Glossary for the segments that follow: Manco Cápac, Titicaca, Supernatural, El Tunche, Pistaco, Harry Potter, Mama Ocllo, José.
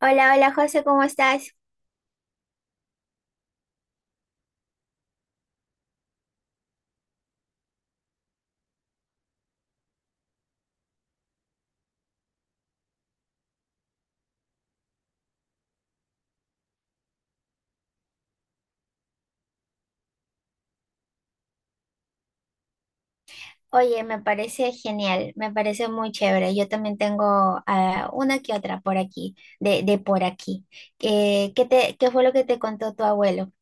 Hola, hola José, ¿cómo estás? Oye, me parece genial, me parece muy chévere. Yo también tengo una que otra por aquí, de por aquí. ¿ qué fue lo que te contó tu abuelo?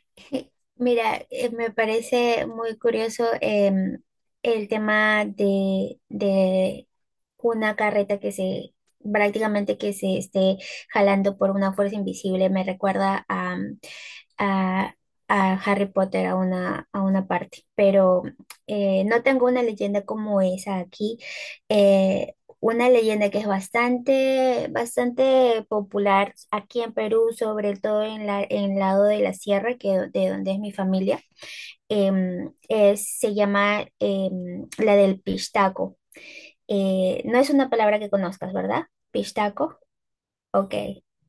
Mira, me parece muy curioso, el tema de una carreta que se prácticamente que se esté jalando por una fuerza invisible. Me recuerda a, a Harry Potter, a una parte, pero no tengo una leyenda como esa aquí. eh, una leyenda que es bastante popular aquí en Perú, sobre todo en en el lado de la sierra, que de donde es mi familia, se llama, la del pistaco. No es una palabra que conozcas, ¿verdad? Pistaco, ok.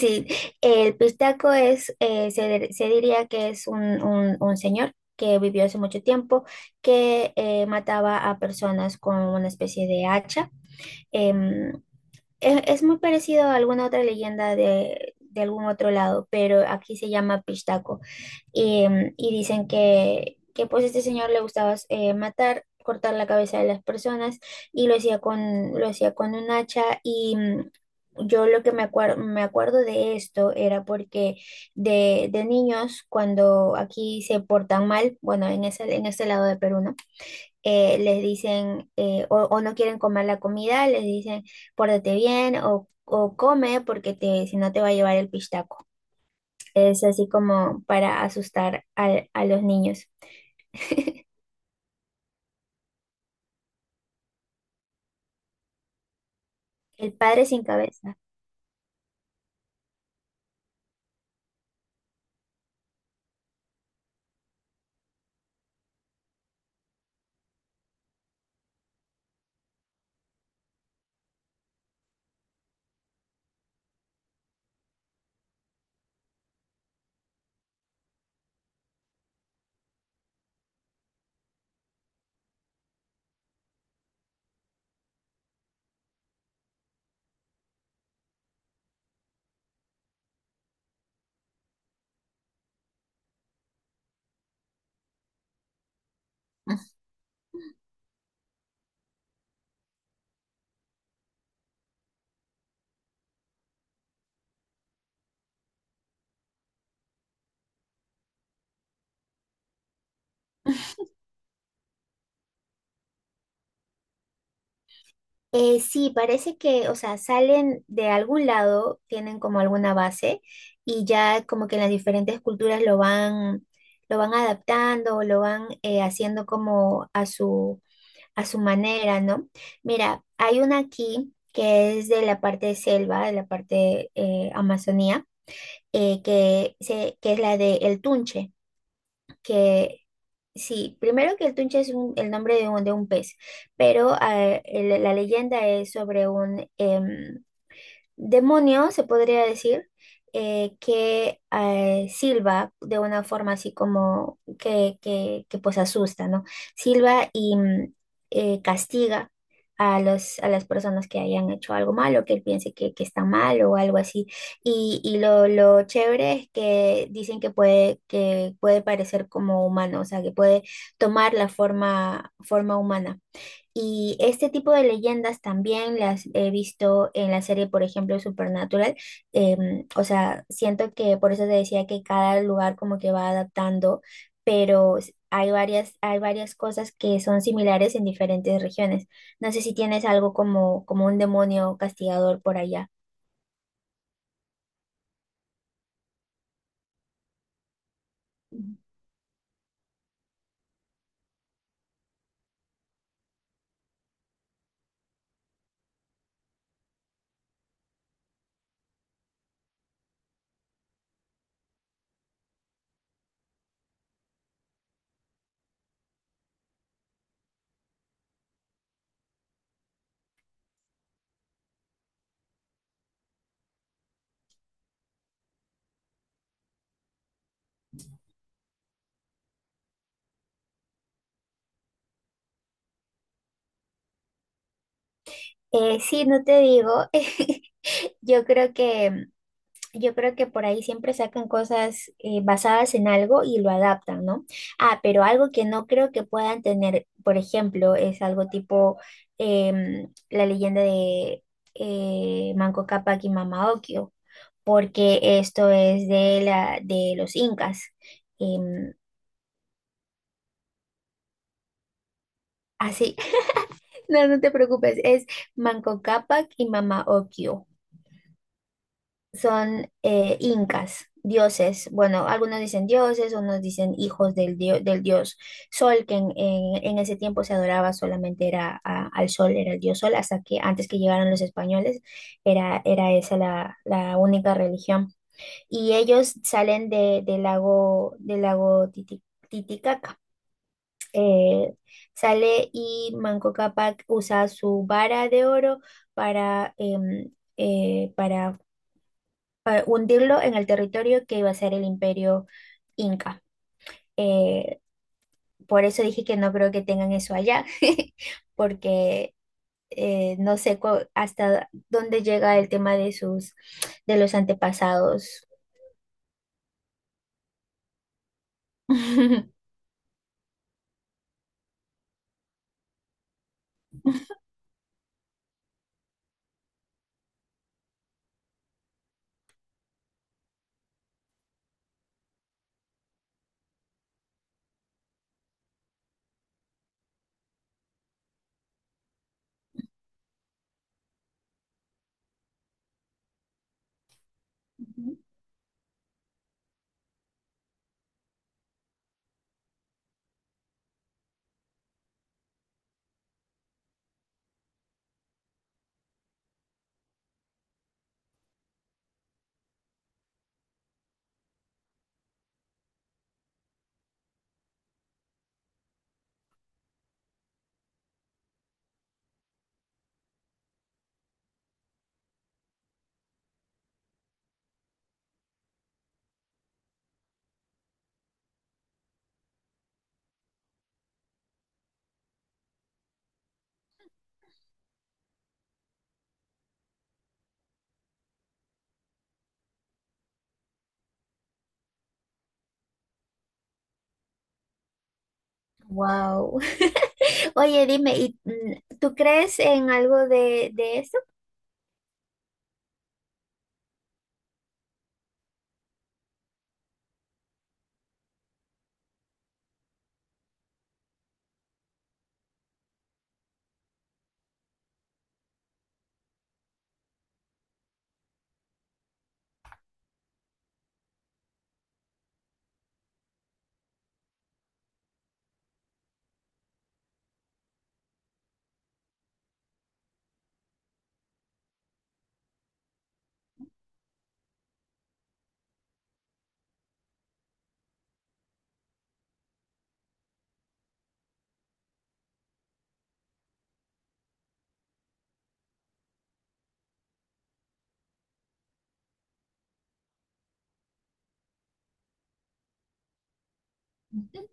Sí, el pistaco es, se diría que es un señor que vivió hace mucho tiempo, que mataba a personas con una especie de hacha. em, es muy parecido a alguna otra leyenda de algún otro lado, pero aquí se llama Pistaco. Y, mm, y dicen que pues este señor le gustaba, matar, cortar la cabeza de las personas, y lo hacía con un hacha Yo lo que me acuerdo de esto era porque de niños, cuando aquí se portan mal, bueno, en en ese lado de Perú, ¿no?, les dicen, o no quieren comer la comida, les dicen: pórtate bien o come, porque te, si no te va a llevar el pistaco. Es así como para asustar a los niños. El padre sin cabeza. Sí, parece que, o sea, salen de algún lado, tienen como alguna base, y ya como que en las diferentes culturas lo van adaptando o lo van, haciendo como a su, a su manera, ¿no? Mira, hay una aquí que es de la parte de selva, de la parte, Amazonía, que es la de El Tunche, que sí, primero que El Tunche es el nombre de de un pez, pero la leyenda es sobre un, demonio, se podría decir, que silba de una forma, así como que pues asusta, ¿no? Silba y, castiga a a las personas que hayan hecho algo malo, que él piense que está mal o algo así. Y lo chévere es que dicen que que puede parecer como humano, o sea, que puede tomar la forma humana. Y este tipo de leyendas también las he visto en la serie, por ejemplo, Supernatural. O sea, siento que por eso te decía que cada lugar como que va adaptando, pero hay hay varias cosas que son similares en diferentes regiones. No sé si tienes algo como, como un demonio castigador por allá. Sí, no te digo. Yo creo que yo creo que por ahí siempre sacan cosas, basadas en algo y lo adaptan, ¿no? Ah, pero algo que no creo que puedan tener, por ejemplo, es algo tipo, la leyenda de, Manco Cápac y Mama Ocllo, porque esto es de la de los incas. Em, Así, no, no te preocupes, es Manco Cápac y Mama Ocllo. Son, incas, dioses. Bueno, algunos dicen dioses, unos dicen hijos del dios Sol, que en ese tiempo se adoraba, solamente era al Sol, era el dios Sol, hasta que antes que llegaron los españoles era, era esa la única religión. Y ellos salen de, del lago Titicaca. Eh, Sale y Manco Cápac usa su vara de oro para, eh, para para hundirlo en el territorio que iba a ser el imperio inca. Eh, por eso dije que no creo que tengan eso allá, porque no sé hasta dónde llega el tema de sus, de los antepasados. Wow. Oye, dime, ¿y tú crees en algo de eso? Ujú.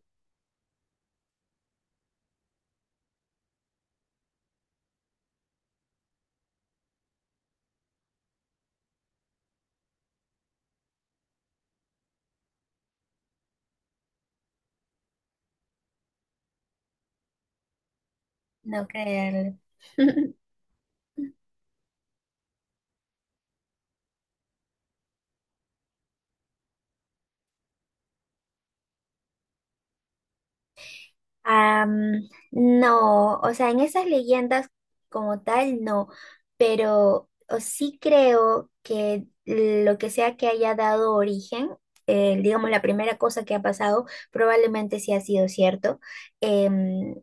No creerlo. No, o sea, en esas leyendas como tal, no, pero o sí creo que lo que sea que haya dado origen, digamos, la primera cosa que ha pasado, probablemente sí ha sido cierto. em,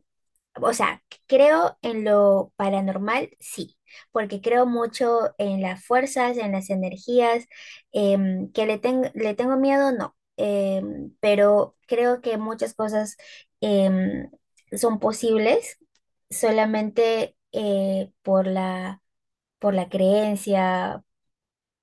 o sea, creo en lo paranormal, sí, porque creo mucho en las fuerzas, en las energías, le tengo miedo, no, pero creo que muchas cosas, em, son posibles solamente, por por la creencia,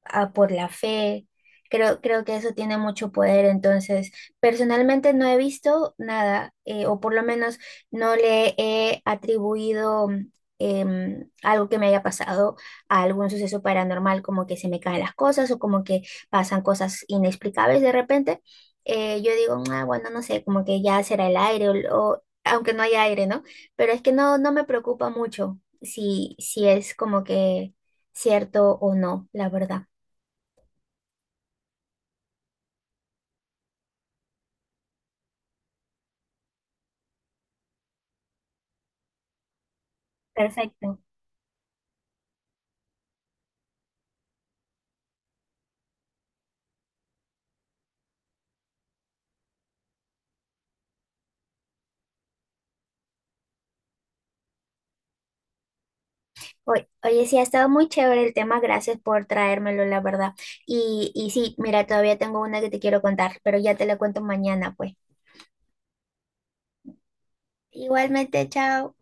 a por la fe. Creo, creo que eso tiene mucho poder. Entonces, personalmente no he visto nada, o por lo menos no le he atribuido, algo que me haya pasado a algún suceso paranormal, como que se me caen las cosas o como que pasan cosas inexplicables de repente. Yo digo: "Ah, bueno, no sé, como que ya será el aire, o aunque no haya aire, ¿no?". Pero es que no, no me preocupa mucho si, si es como que cierto o no, la verdad. Perfecto. Oye, sí, ha estado muy chévere el tema, gracias por traérmelo, la verdad. Y sí, mira, todavía tengo una que te quiero contar, pero ya te la cuento mañana, pues. Igualmente, chao.